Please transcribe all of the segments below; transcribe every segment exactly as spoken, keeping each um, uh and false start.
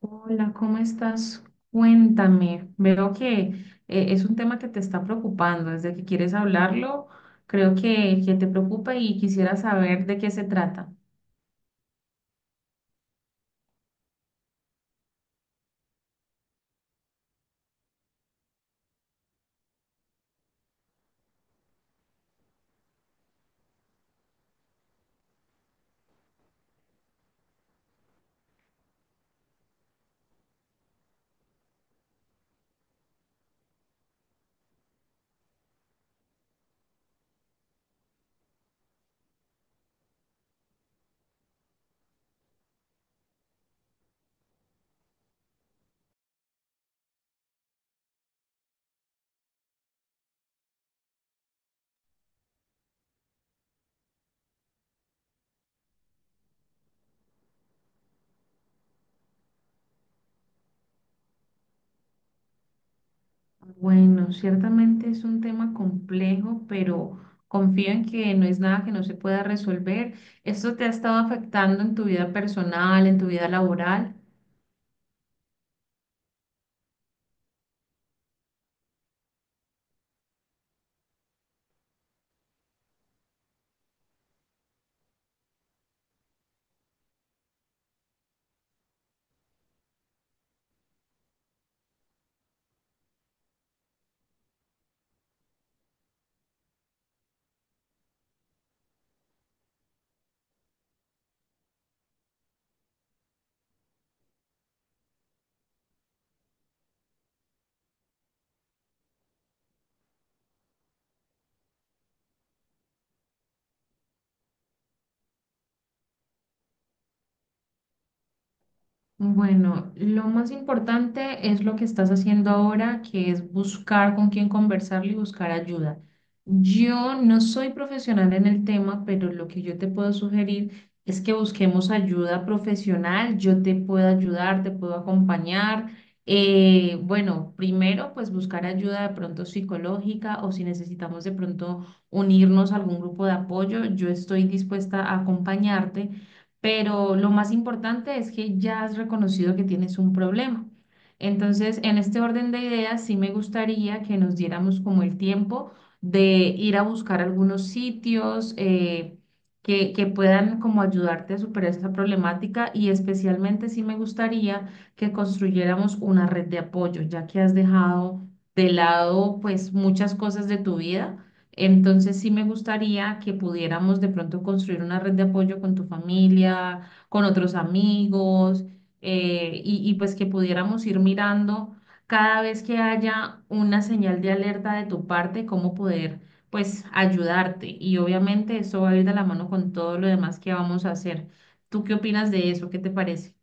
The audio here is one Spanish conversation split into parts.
Hola, ¿cómo estás? Cuéntame. Veo que eh, es un tema que te está preocupando. Desde que quieres hablarlo, creo que, que te preocupa y quisiera saber de qué se trata. Bueno, ciertamente es un tema complejo, pero confío en que no es nada que no se pueda resolver. ¿Esto te ha estado afectando en tu vida personal, en tu vida laboral? Bueno, lo más importante es lo que estás haciendo ahora, que es buscar con quién conversar y buscar ayuda. Yo no soy profesional en el tema, pero lo que yo te puedo sugerir es que busquemos ayuda profesional. Yo te puedo ayudar, te puedo acompañar. Eh, bueno, primero, pues buscar ayuda de pronto psicológica o si necesitamos de pronto unirnos a algún grupo de apoyo, yo estoy dispuesta a acompañarte, pero lo más importante es que ya has reconocido que tienes un problema. Entonces, en este orden de ideas, sí me gustaría que nos diéramos como el tiempo de ir a buscar algunos sitios eh, que, que puedan como ayudarte a superar esta problemática, y especialmente sí me gustaría que construyéramos una red de apoyo, ya que has dejado de lado pues muchas cosas de tu vida. Entonces sí me gustaría que pudiéramos de pronto construir una red de apoyo con tu familia, con otros amigos, eh, y, y pues que pudiéramos ir mirando cada vez que haya una señal de alerta de tu parte, cómo poder pues ayudarte. Y obviamente eso va a ir de la mano con todo lo demás que vamos a hacer. ¿Tú qué opinas de eso? ¿Qué te parece?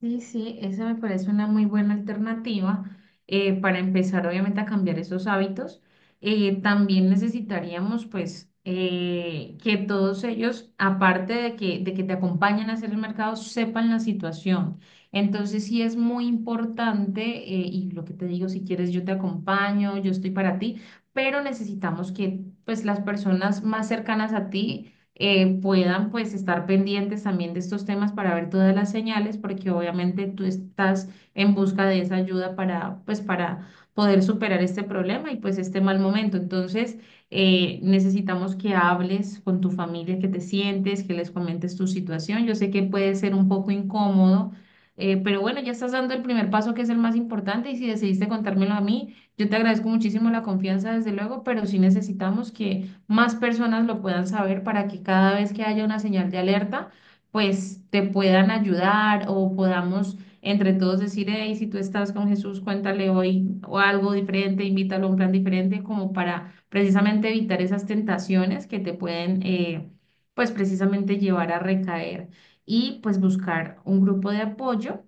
Sí, sí, esa me parece una muy buena alternativa eh, para empezar obviamente a cambiar esos hábitos. Eh, también necesitaríamos pues eh, que todos ellos, aparte de que, de que te acompañen a hacer el mercado, sepan la situación. Entonces sí es muy importante, eh, y lo que te digo, si quieres yo te acompaño, yo estoy para ti, pero necesitamos que pues las personas más cercanas a ti eh, puedan pues estar pendientes también de estos temas para ver todas las señales, porque obviamente tú estás en busca de esa ayuda para pues para poder superar este problema y pues este mal momento. Entonces, eh, necesitamos que hables con tu familia, que te sientes, que les comentes tu situación. Yo sé que puede ser un poco incómodo. Eh, pero bueno, ya estás dando el primer paso que es el más importante, y si decidiste contármelo a mí, yo te agradezco muchísimo la confianza, desde luego, pero sí necesitamos que más personas lo puedan saber para que cada vez que haya una señal de alerta, pues te puedan ayudar o podamos entre todos decir, hey, si tú estás con Jesús, cuéntale hoy o algo diferente, invítalo a un plan diferente, como para precisamente evitar esas tentaciones que te pueden, eh, pues precisamente llevar a recaer, y pues buscar un grupo de apoyo.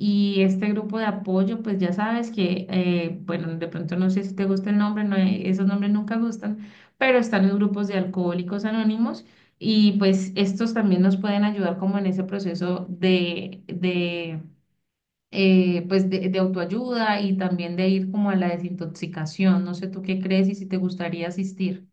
Y este grupo de apoyo, pues ya sabes que, eh, bueno, de pronto no sé si te gusta el nombre, no, esos nombres nunca gustan, pero están los grupos de alcohólicos anónimos y pues estos también nos pueden ayudar como en ese proceso de, de, eh, pues de, de autoayuda y también de ir como a la desintoxicación. No sé tú qué crees y si te gustaría asistir.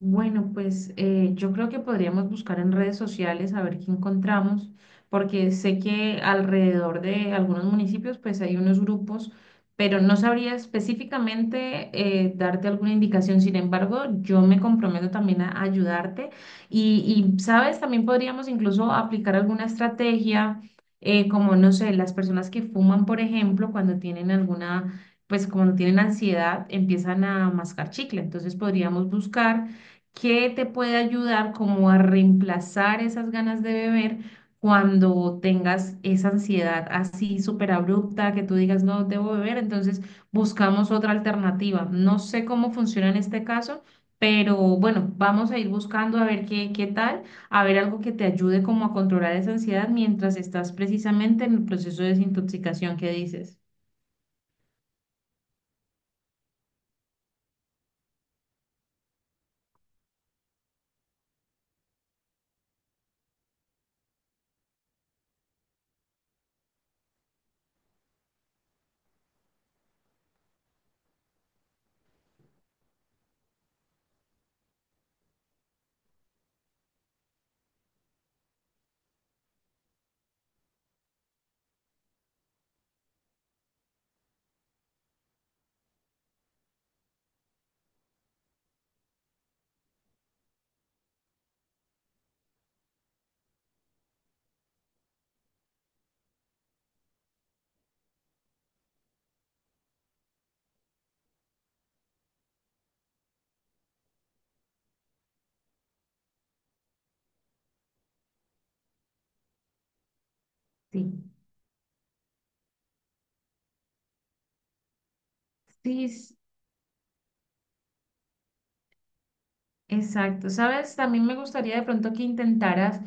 Bueno, pues eh, yo creo que podríamos buscar en redes sociales a ver qué encontramos, porque sé que alrededor de algunos municipios pues hay unos grupos, pero no sabría específicamente eh, darte alguna indicación. Sin embargo, yo me comprometo también a ayudarte y, y, sabes, también podríamos incluso aplicar alguna estrategia, eh, como no sé, las personas que fuman, por ejemplo, cuando tienen alguna, pues cuando tienen ansiedad, empiezan a mascar chicle. Entonces podríamos buscar ¿qué te puede ayudar como a reemplazar esas ganas de beber cuando tengas esa ansiedad así súper abrupta que tú digas no debo beber? Entonces buscamos otra alternativa. No sé cómo funciona en este caso, pero bueno, vamos a ir buscando a ver qué, qué tal, a ver algo que te ayude como a controlar esa ansiedad mientras estás precisamente en el proceso de desintoxicación que dices. Sí. Sí, exacto, sabes, también me gustaría de pronto que intentaras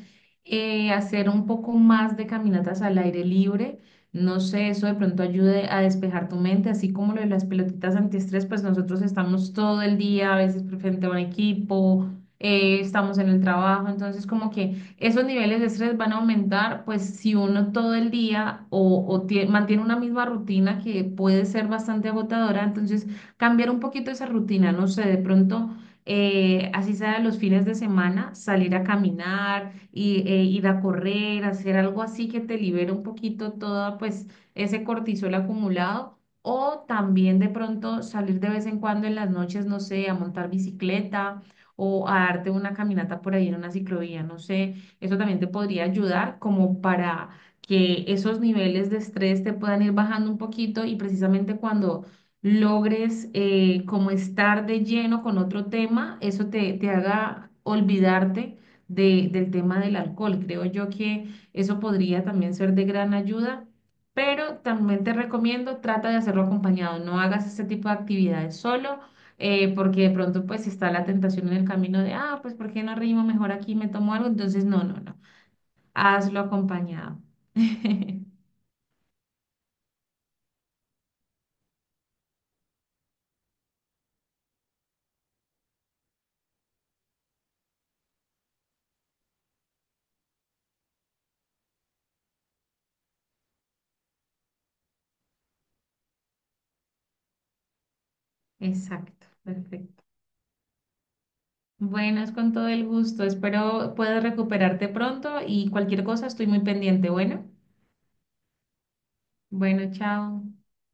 eh, hacer un poco más de caminatas al aire libre. No sé, eso de pronto ayude a despejar tu mente, así como lo de las pelotitas antiestrés, pues nosotros estamos todo el día, a veces frente a un equipo, eh, estamos en el trabajo, entonces como que esos niveles de estrés van a aumentar, pues si uno todo el día o, o tie- mantiene una misma rutina que puede ser bastante agotadora, entonces cambiar un poquito esa rutina, no sé, de pronto eh, así sea los fines de semana, salir a caminar, y, eh, ir a correr, hacer algo así que te libere un poquito todo pues ese cortisol acumulado. O también de pronto salir de vez en cuando en las noches, no sé, a montar bicicleta o a darte una caminata por ahí en una ciclovía, no sé, eso también te podría ayudar como para que esos niveles de estrés te puedan ir bajando un poquito y precisamente cuando logres eh, como estar de lleno con otro tema, eso te, te haga olvidarte de- del tema del alcohol. Creo yo que eso podría también ser de gran ayuda, pero también te recomiendo, trata de hacerlo acompañado, no hagas este tipo de actividades solo. Eh, porque de pronto pues está la tentación en el camino de, ah, pues ¿por qué no rimo mejor aquí, me tomo algo? Entonces, no, no, no, hazlo acompañado. Exacto, perfecto. Bueno, es con todo el gusto. Espero puedas recuperarte pronto y cualquier cosa estoy muy pendiente. Bueno, bueno, chao.